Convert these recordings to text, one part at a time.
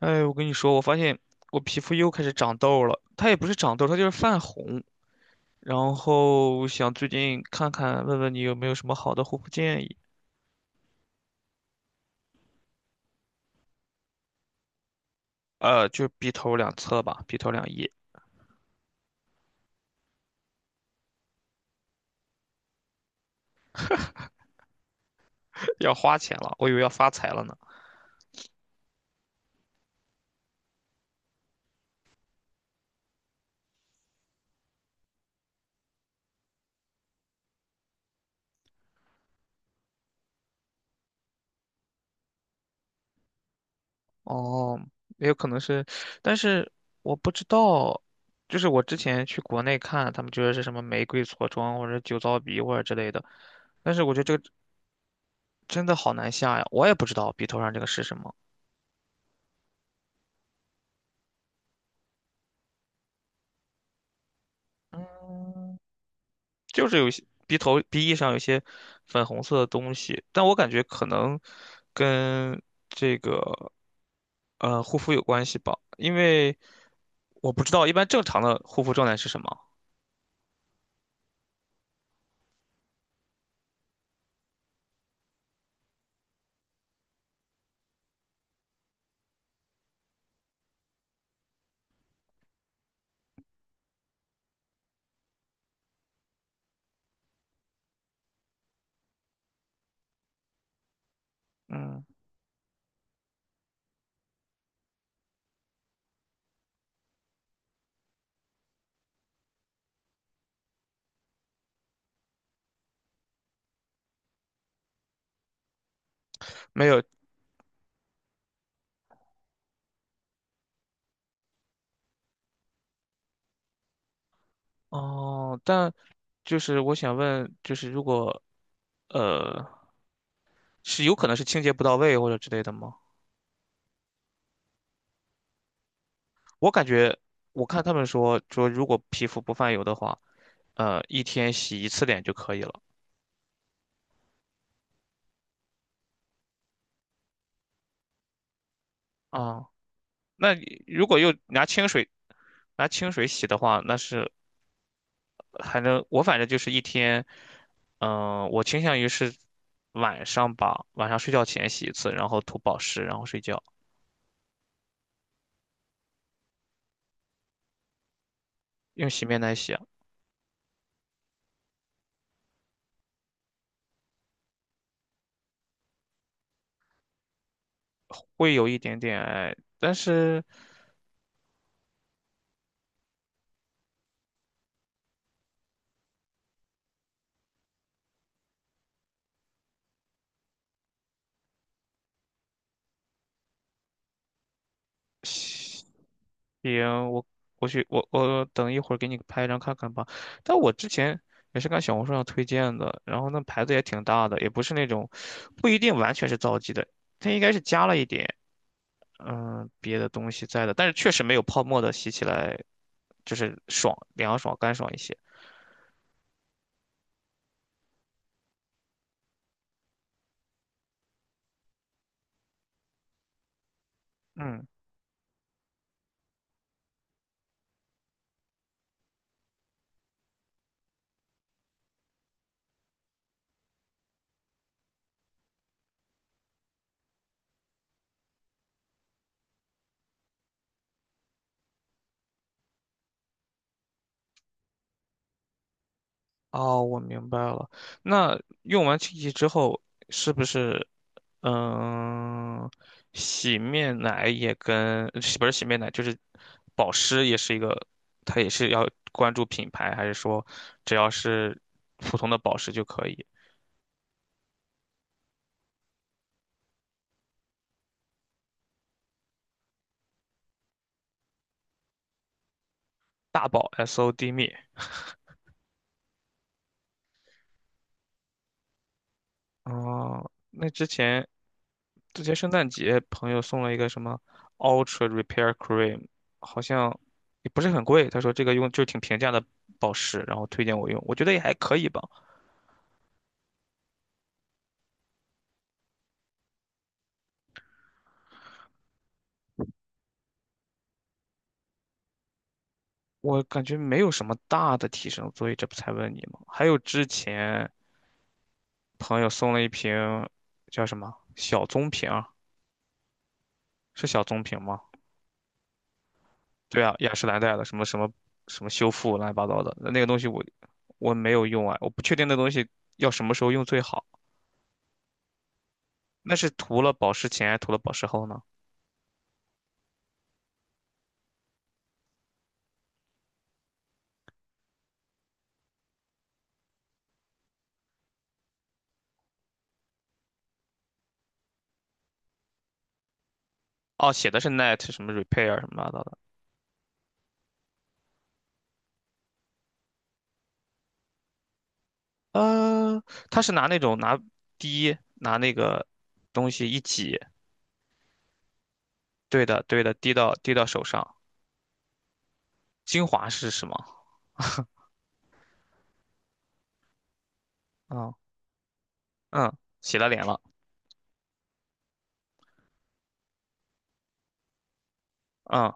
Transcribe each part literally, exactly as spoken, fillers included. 哎，我跟你说，我发现我皮肤又开始长痘了，它也不是长痘，它就是泛红。然后想最近看看，问问你有没有什么好的护肤建议？呃，就鼻头两侧吧，鼻头两翼。 要花钱了，我以为要发财了呢。哦，也有可能是，但是我不知道，就是我之前去国内看，他们觉得是什么玫瑰痤疮或者酒糟鼻或者之类的，但是我觉得这个真的好难下呀，我也不知道鼻头上这个是什么。嗯，就是有一些鼻头鼻翼上有一些粉红色的东西，但我感觉可能跟这个呃护肤有关系吧，因为我不知道一般正常的护肤状态是什么。嗯，没有。哦，但就是我想问，就是如果呃是有可能是清洁不到位或者之类的吗？我感觉我看他们说说如果皮肤不泛油的话，呃一天洗一次脸就可以了。啊，那你如果又拿清水拿清水洗的话，那是还能我反正就是一天，嗯、我倾向于是晚上吧，晚上睡觉前洗一次，然后涂保湿，然后睡觉，用洗面奶洗啊，会有一点点哎，但是行，我我去我我等一会儿给你拍一张看看吧。但我之前也是看小红书上推荐的，然后那牌子也挺大的，也不是那种不一定完全是皂基的，它应该是加了一点。嗯，别的东西在的，但是确实没有泡沫的洗起来就是爽、凉爽、干爽一些。嗯，哦，我明白了。那用完清洗之后，是不是嗯，洗面奶也跟洗不是洗面奶，就是保湿也是一个，它也是要关注品牌，还是说只要是普通的保湿就可以？大宝 S O D 蜜。哦，那之前之前圣诞节朋友送了一个什么 Ultra Repair Cream，好像也不是很贵，他说这个用就挺平价的保湿，然后推荐我用，我觉得也还可以吧，我感觉没有什么大的提升，所以这不才问你嘛。还有之前朋友送了一瓶叫什么小棕瓶儿，是小棕瓶吗？对啊，雅诗兰黛的什么什么什么修复乱七八糟的那个东西我我没有用啊，我不确定那东西要什么时候用最好，那是涂了保湿前还是涂了保湿后呢？哦，写的是 net 什么 repair 什么乱七八糟的。呃，他是拿那种拿滴拿那个东西一挤，对的对的，滴到滴到手上。精华是什么？嗯嗯，洗了脸了。嗯，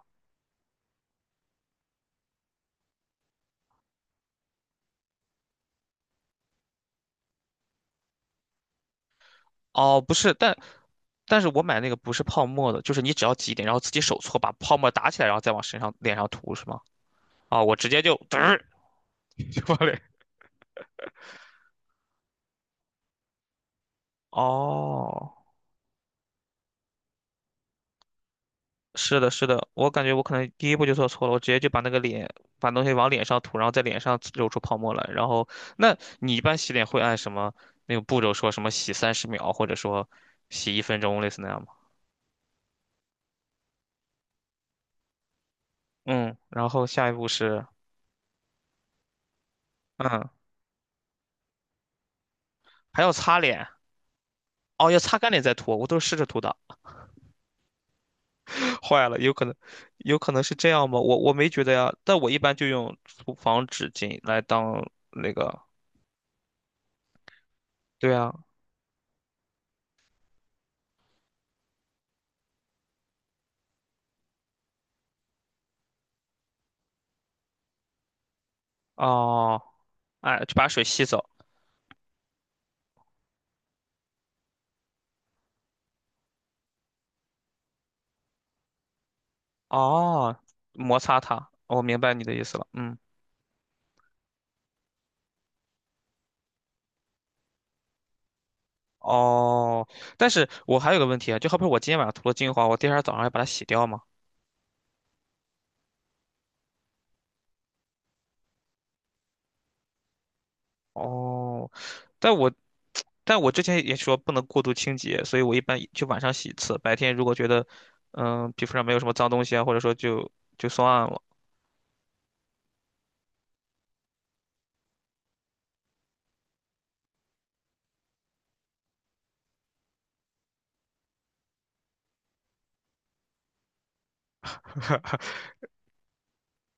哦，不是，但但是我买那个不是泡沫的，就是你只要挤一点，然后自己手搓把泡沫打起来，然后再往身上脸上涂是吗？哦，我直接就嘚儿 就往脸。哦，是的，是的，我感觉我可能第一步就做错了，我直接就把那个脸，把东西往脸上涂，然后在脸上揉出泡沫来。然后，那你一般洗脸会按什么那个步骤说什么洗三十秒，或者说洗一分钟，类似那样吗？嗯，然后下一步是，嗯，还要擦脸，哦，要擦干脸再涂，我都是试着涂的。坏了，有可能，有可能是这样吗？我我没觉得呀，但我一般就用厨房纸巾来当那个，对啊，哦，哎，就把水吸走。哦，摩擦它，哦我明白你的意思了。嗯，哦，但是我还有个问题啊，就好比我今天晚上涂了精华，我第二天早上要把它洗掉吗？哦，但我但我之前也说不能过度清洁，所以我一般就晚上洗一次，白天如果觉得嗯皮肤上没有什么脏东西啊，或者说就就算了。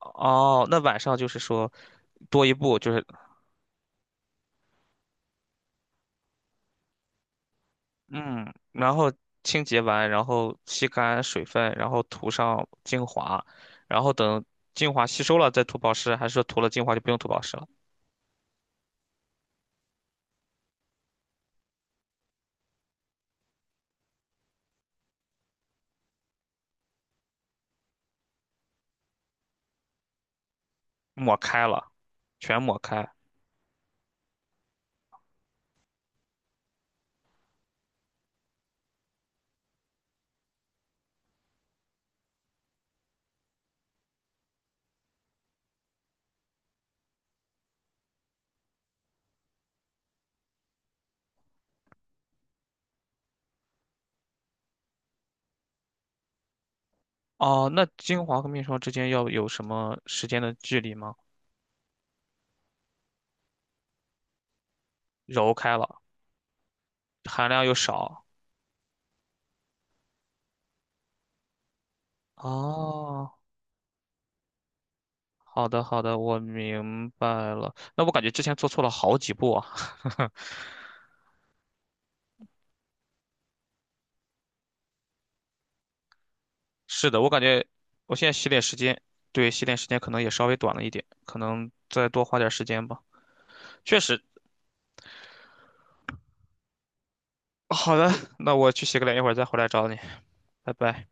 哦，那晚上就是说多一步，就是嗯，然后清洁完，然后吸干水分，然后涂上精华，然后等精华吸收了再涂保湿，还是说涂了精华就不用涂保湿了？抹开了，全抹开。哦，那精华和面霜之间要有什么时间的距离吗？揉开了，含量又少。哦，好的好的，我明白了。那我感觉之前做错了好几步啊。是的，我感觉我现在洗脸时间，对，洗脸时间可能也稍微短了一点，可能再多花点时间吧。确实，好的，那我去洗个脸，一会儿再回来找你，拜拜。